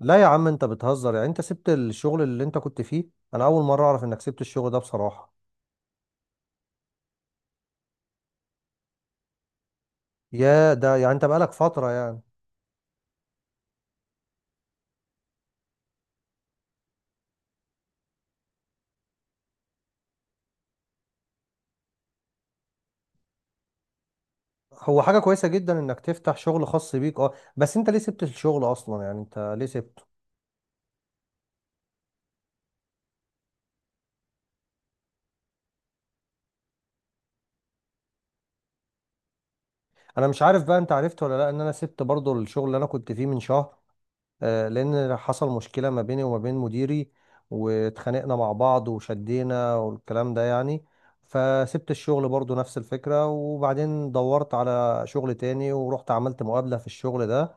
لا يا عم، انت بتهزر، يعني انت سبت الشغل اللي انت كنت فيه. انا اول مره اعرف انك سبت الشغل ده، بصراحه. يا ده، يعني انت بقالك فتره يعني. هو حاجه كويسه جدا انك تفتح شغل خاص بيك، بس انت ليه سبت الشغل اصلا؟ يعني انت ليه سبته؟ انا مش عارف بقى، انت عرفت ولا لا ان انا سبت برضو الشغل اللي انا كنت فيه من شهر. لان حصل مشكله ما بيني وما بين مديري، واتخانقنا مع بعض وشدينا والكلام ده يعني. فسبت الشغل برضو نفس الفكره، وبعدين دورت على شغل تاني ورحت عملت مقابله في الشغل ده.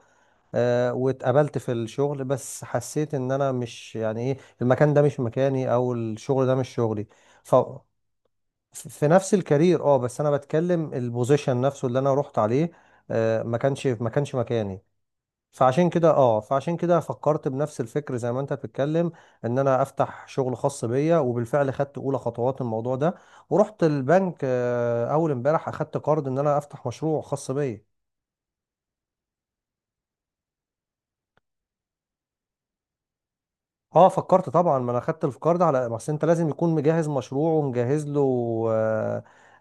واتقابلت في الشغل، بس حسيت ان انا مش، يعني ايه، المكان ده مش مكاني، او الشغل ده مش شغلي. ف في نفس الكارير، اه، بس انا بتكلم البوزيشن نفسه اللي انا رحت عليه. ما كانش مكاني. فعشان كده فكرت بنفس الفكر زي ما انت بتتكلم، ان انا افتح شغل خاص بيا. وبالفعل خدت اولى خطوات الموضوع ده، ورحت البنك، اول امبارح اخدت قرض ان انا افتح مشروع خاص بيا. اه، فكرت طبعا، ما انا خدت الفكار ده على ما أصل انت لازم يكون مجهز مشروع ومجهز له. آه،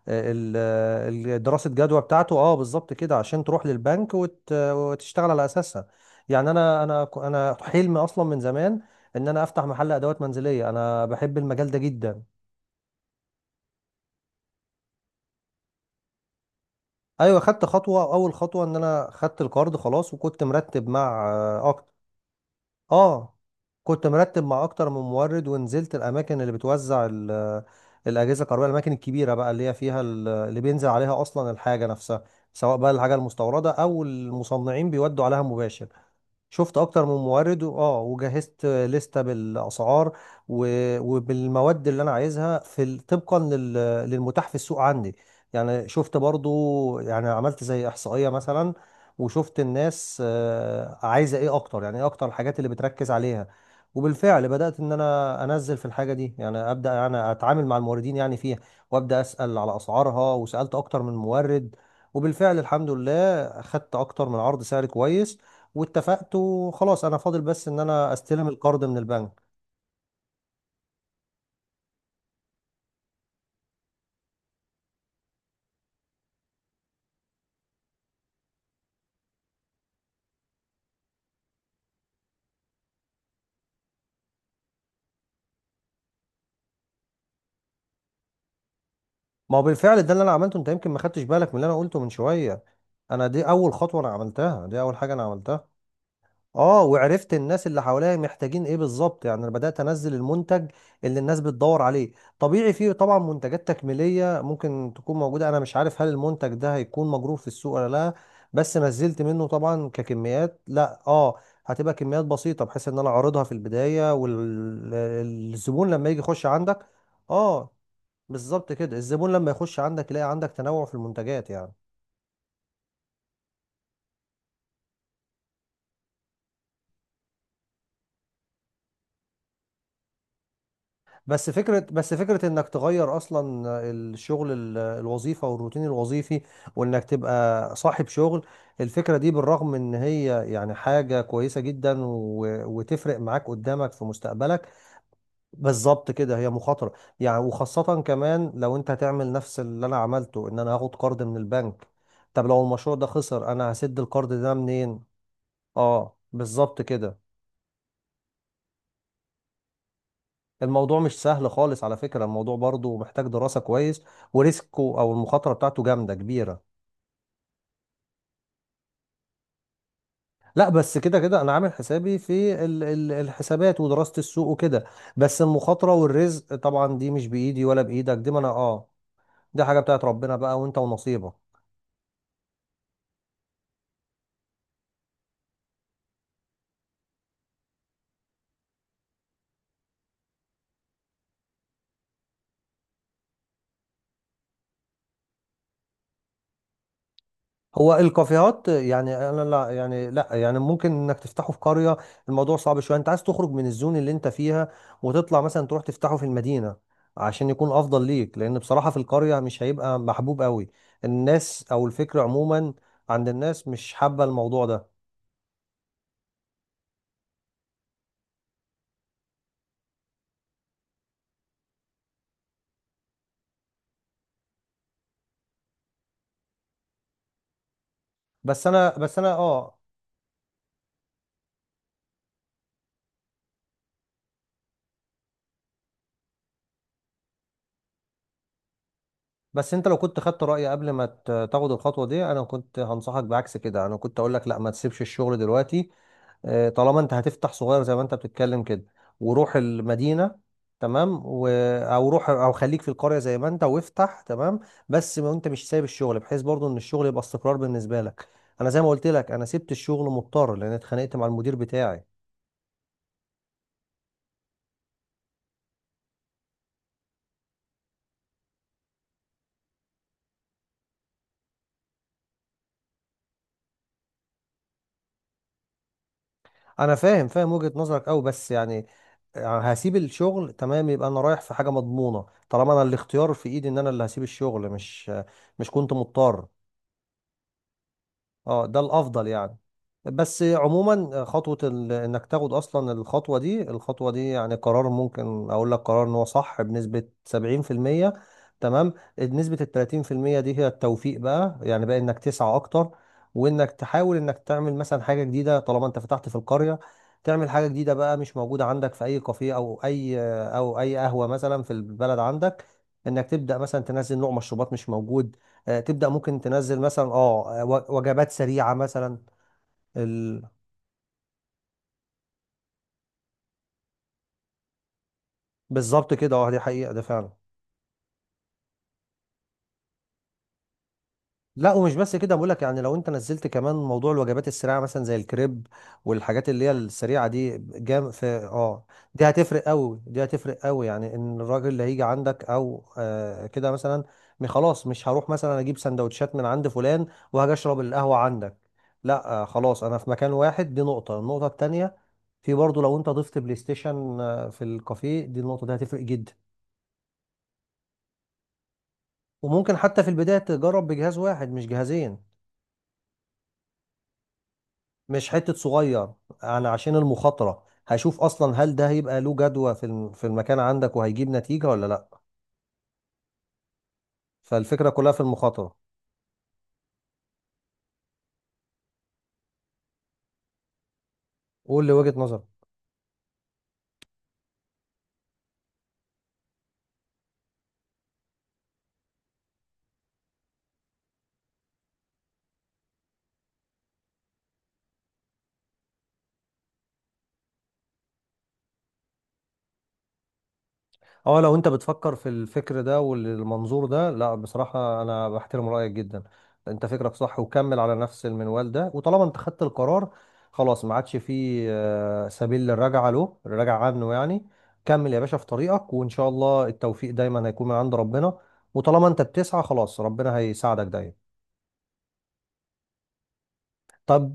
آه، ال- آه، دراسة جدوى بتاعته، اه، بالظبط كده، عشان تروح للبنك وتشتغل على اساسها. يعني انا حلمي اصلا من زمان ان انا افتح محل ادوات منزلية، انا بحب المجال ده جدا. ايوه، خدت خطوة، اول خطوة ان انا خدت القرض خلاص، وكنت مرتب مع اه كنت مرتب مع اكتر من مورد، ونزلت الاماكن اللي بتوزع الاجهزه الكهربائيه، الاماكن الكبيره بقى اللي هي فيها اللي بينزل عليها اصلا الحاجه نفسها، سواء بقى الحاجه المستورده او المصنعين بيودوا عليها مباشر. شفت اكتر من مورد، وجهزت لستة بالاسعار وبالمواد اللي انا عايزها طبقا للمتاح في السوق عندي. يعني شفت برضو، يعني عملت زي احصائية مثلا، وشفت الناس عايزة ايه اكتر، يعني ايه اكتر الحاجات اللي بتركز عليها. وبالفعل بدأت ان انا انزل في الحاجة دي، يعني ابدأ يعني اتعامل مع الموردين يعني فيها، وابدأ اسأل على اسعارها، وسألت اكتر من مورد. وبالفعل الحمد لله، خدت اكتر من عرض سعر كويس، واتفقت وخلاص انا فاضل بس ان انا استلم القرض من البنك. ما هو بالفعل ده اللي انا عملته، انت يمكن ما خدتش بالك من اللي انا قلته من شويه، انا دي اول خطوه انا عملتها، دي اول حاجه انا عملتها. اه، وعرفت الناس اللي حواليا محتاجين ايه بالظبط، يعني انا بدات انزل المنتج اللي الناس بتدور عليه. طبيعي فيه طبعا منتجات تكميليه ممكن تكون موجوده، انا مش عارف هل المنتج ده هيكون مجروف في السوق ولا لا، بس نزلت منه طبعا ككميات، لا اه، هتبقى كميات بسيطه، بحيث ان انا اعرضها في البدايه والزبون لما يجي يخش عندك. اه، بالظبط كده، الزبون لما يخش عندك يلاقي عندك تنوع في المنتجات يعني. بس فكرة، بس فكرة انك تغير اصلا الشغل، الوظيفة والروتين الوظيفي، وانك تبقى صاحب شغل، الفكرة دي بالرغم ان هي يعني حاجة كويسة جدا، وتفرق معاك قدامك في مستقبلك. بالظبط كده، هي مخاطرة، يعني وخاصة كمان لو انت هتعمل نفس اللي انا عملته، ان انا هاخد قرض من البنك، طب لو المشروع ده خسر انا هسد القرض ده منين؟ اه، بالظبط كده، الموضوع مش سهل خالص على فكرة، الموضوع برضو محتاج دراسة كويس، وريسكه او المخاطرة بتاعته جامدة كبيرة. لا، بس كده كده انا عامل حسابي في الحسابات ودراسة السوق وكده، بس المخاطرة والرزق طبعا دي مش بايدي ولا بايدك، دي ما انا اه، دي حاجة بتاعت ربنا بقى، وانت ونصيبك. هو الكافيهات، يعني انا لا يعني، لا يعني ممكن انك تفتحه في قرية، الموضوع صعب شوية، انت عايز تخرج من الزون اللي انت فيها وتطلع مثلا تروح تفتحه في المدينة، عشان يكون افضل ليك، لان بصراحة في القرية مش هيبقى محبوب قوي. الناس او الفكر عموما عند الناس مش حابة الموضوع ده. بس انا بس انا اه بس انت لو كنت خدت رأيي قبل ما تاخد الخطوة دي، انا كنت هنصحك بعكس كده، انا كنت اقول لك لا، ما تسيبش الشغل دلوقتي. طالما انت هتفتح صغير زي ما انت بتتكلم كده، وروح المدينة تمام، او روح او خليك في القرية زي ما انت وافتح، تمام، بس ما انت مش سايب الشغل، بحيث برضو ان الشغل يبقى استقرار بالنسبة لك. انا زي ما قلت لك، انا سبت الشغل مضطر لان اتخانقت مع المدير بتاعي. انا فاهم، فاهم وجهة نظرك قوي، بس يعني هسيب الشغل، تمام، يبقى انا رايح في حاجة مضمونة، طالما انا الاختيار في ايدي ان انا اللي هسيب الشغل، مش كنت مضطر. اه، ده الافضل يعني. بس عموما خطوة انك تاخد اصلا الخطوة دي يعني قرار، ممكن اقول لك قرار ان هو صح بنسبة 70%، تمام، نسبة ال 30% دي هي التوفيق بقى، يعني بقى انك تسعى اكتر، وانك تحاول انك تعمل مثلا حاجة جديدة. طالما انت فتحت في القرية، تعمل حاجة جديدة بقى مش موجودة عندك في اي كافيه، او اي قهوة مثلا في البلد عندك، انك تبدأ مثلا تنزل نوع مشروبات مش موجود. تبدأ ممكن تنزل مثلا وجبات سريعة مثلا. ال... بالظبط كده، اه، دي حقيقة، ده فعلا. لا، ومش بس كده، بقولك يعني لو انت نزلت كمان موضوع الوجبات السريعه مثلا زي الكريب والحاجات اللي هي السريعه دي جام في اه، دي هتفرق قوي، دي هتفرق قوي، يعني ان الراجل اللي هيجي عندك، او آه كده مثلا خلاص مش هروح مثلا اجيب سندوتشات من عند فلان، وهاجي اشرب القهوه عندك. لا، خلاص، انا في مكان واحد، دي نقطه. النقطه التانيه، في برضه لو انت ضفت بلاي ستيشن في الكافيه دي، النقطه دي هتفرق جدا، وممكن حتى في البدايه تجرب بجهاز واحد مش جهازين، مش حتة صغير. انا عشان المخاطرة هشوف اصلا هل ده هيبقى له جدوى في المكان عندك، وهيجيب نتيجة ولا لا. فالفكرة كلها في المخاطرة. قول لي وجهة نظرك. اه، لو انت بتفكر في الفكر ده والمنظور ده، لا بصراحة، انا بحترم رأيك جدا، انت فكرك صح، وكمل على نفس المنوال ده، وطالما انت خدت القرار خلاص، ما عادش فيه سبيل للرجعة له، الرجعة عنه يعني. كمل يا باشا في طريقك، وان شاء الله التوفيق دايما هيكون من عند ربنا، وطالما انت بتسعى خلاص ربنا هيساعدك دايما. طب،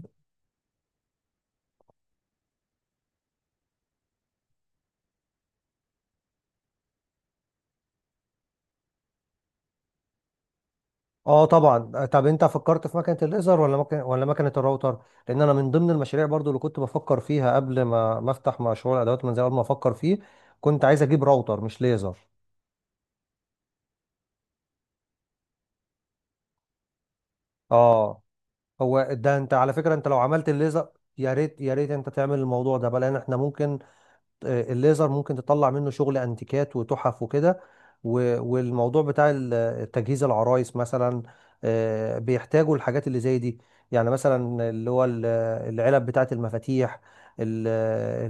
اه طبعا. طب انت فكرت في مكنه الليزر ولا مكنه، ولا مكنه الراوتر؟ لان انا من ضمن المشاريع برضو اللي كنت بفكر فيها قبل ما افتح مشروع الادوات المنزليه، قبل ما افكر فيه كنت عايز اجيب راوتر مش ليزر. اه، هو ده، انت على فكره انت لو عملت الليزر، يا ريت يا ريت انت تعمل الموضوع ده بقى، لان احنا ممكن، الليزر ممكن تطلع منه شغل انتيكات وتحف وكده، والموضوع بتاع تجهيز العرايس مثلا، بيحتاجوا الحاجات اللي زي دي، يعني مثلا اللي هو العلب بتاعة المفاتيح، ال-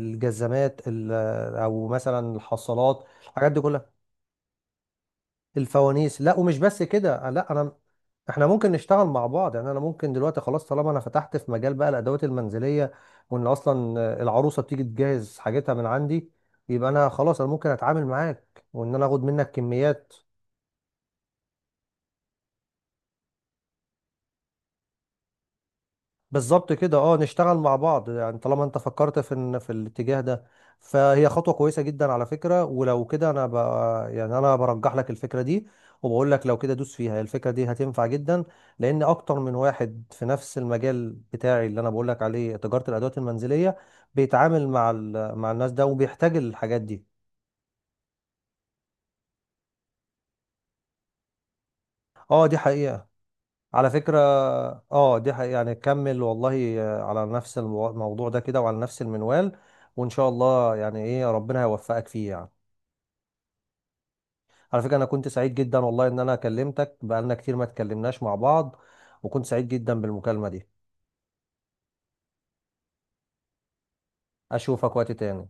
الجزمات، او مثلا الحصالات، الحاجات دي كلها، الفوانيس. لا، ومش بس كده، لا، انا احنا ممكن نشتغل مع بعض، يعني انا ممكن دلوقتي خلاص طالما انا فتحت في مجال بقى الادوات المنزليه، وان اصلا العروسه بتيجي تجهز حاجتها من عندي، يبقى انا خلاص انا ممكن اتعامل معاك وان انا اخد منك كميات. بالظبط كده، اه نشتغل مع بعض، يعني طالما انت فكرت في الاتجاه ده، فهي خطوة كويسة جدا على فكرة، ولو كده يعني انا برجح لك الفكرة دي، وبقول لك لو كده دوس فيها، هي الفكرة دي هتنفع جدا، لان اكتر من واحد في نفس المجال بتاعي اللي انا بقول لك عليه، تجارة الادوات المنزلية، بيتعامل مع مع الناس ده وبيحتاج الحاجات دي. اه، دي حقيقة، على فكرة، اه دي حقيقة، يعني كمل والله على نفس الموضوع ده كده وعلى نفس المنوال، وان شاء الله يعني ايه، ربنا هيوفقك فيه يعني. على فكرة، انا كنت سعيد جدا والله ان انا كلمتك، بقالنا كتير ما اتكلمناش مع بعض، وكنت سعيد جدا بالمكالمة دي. اشوفك وقت تاني.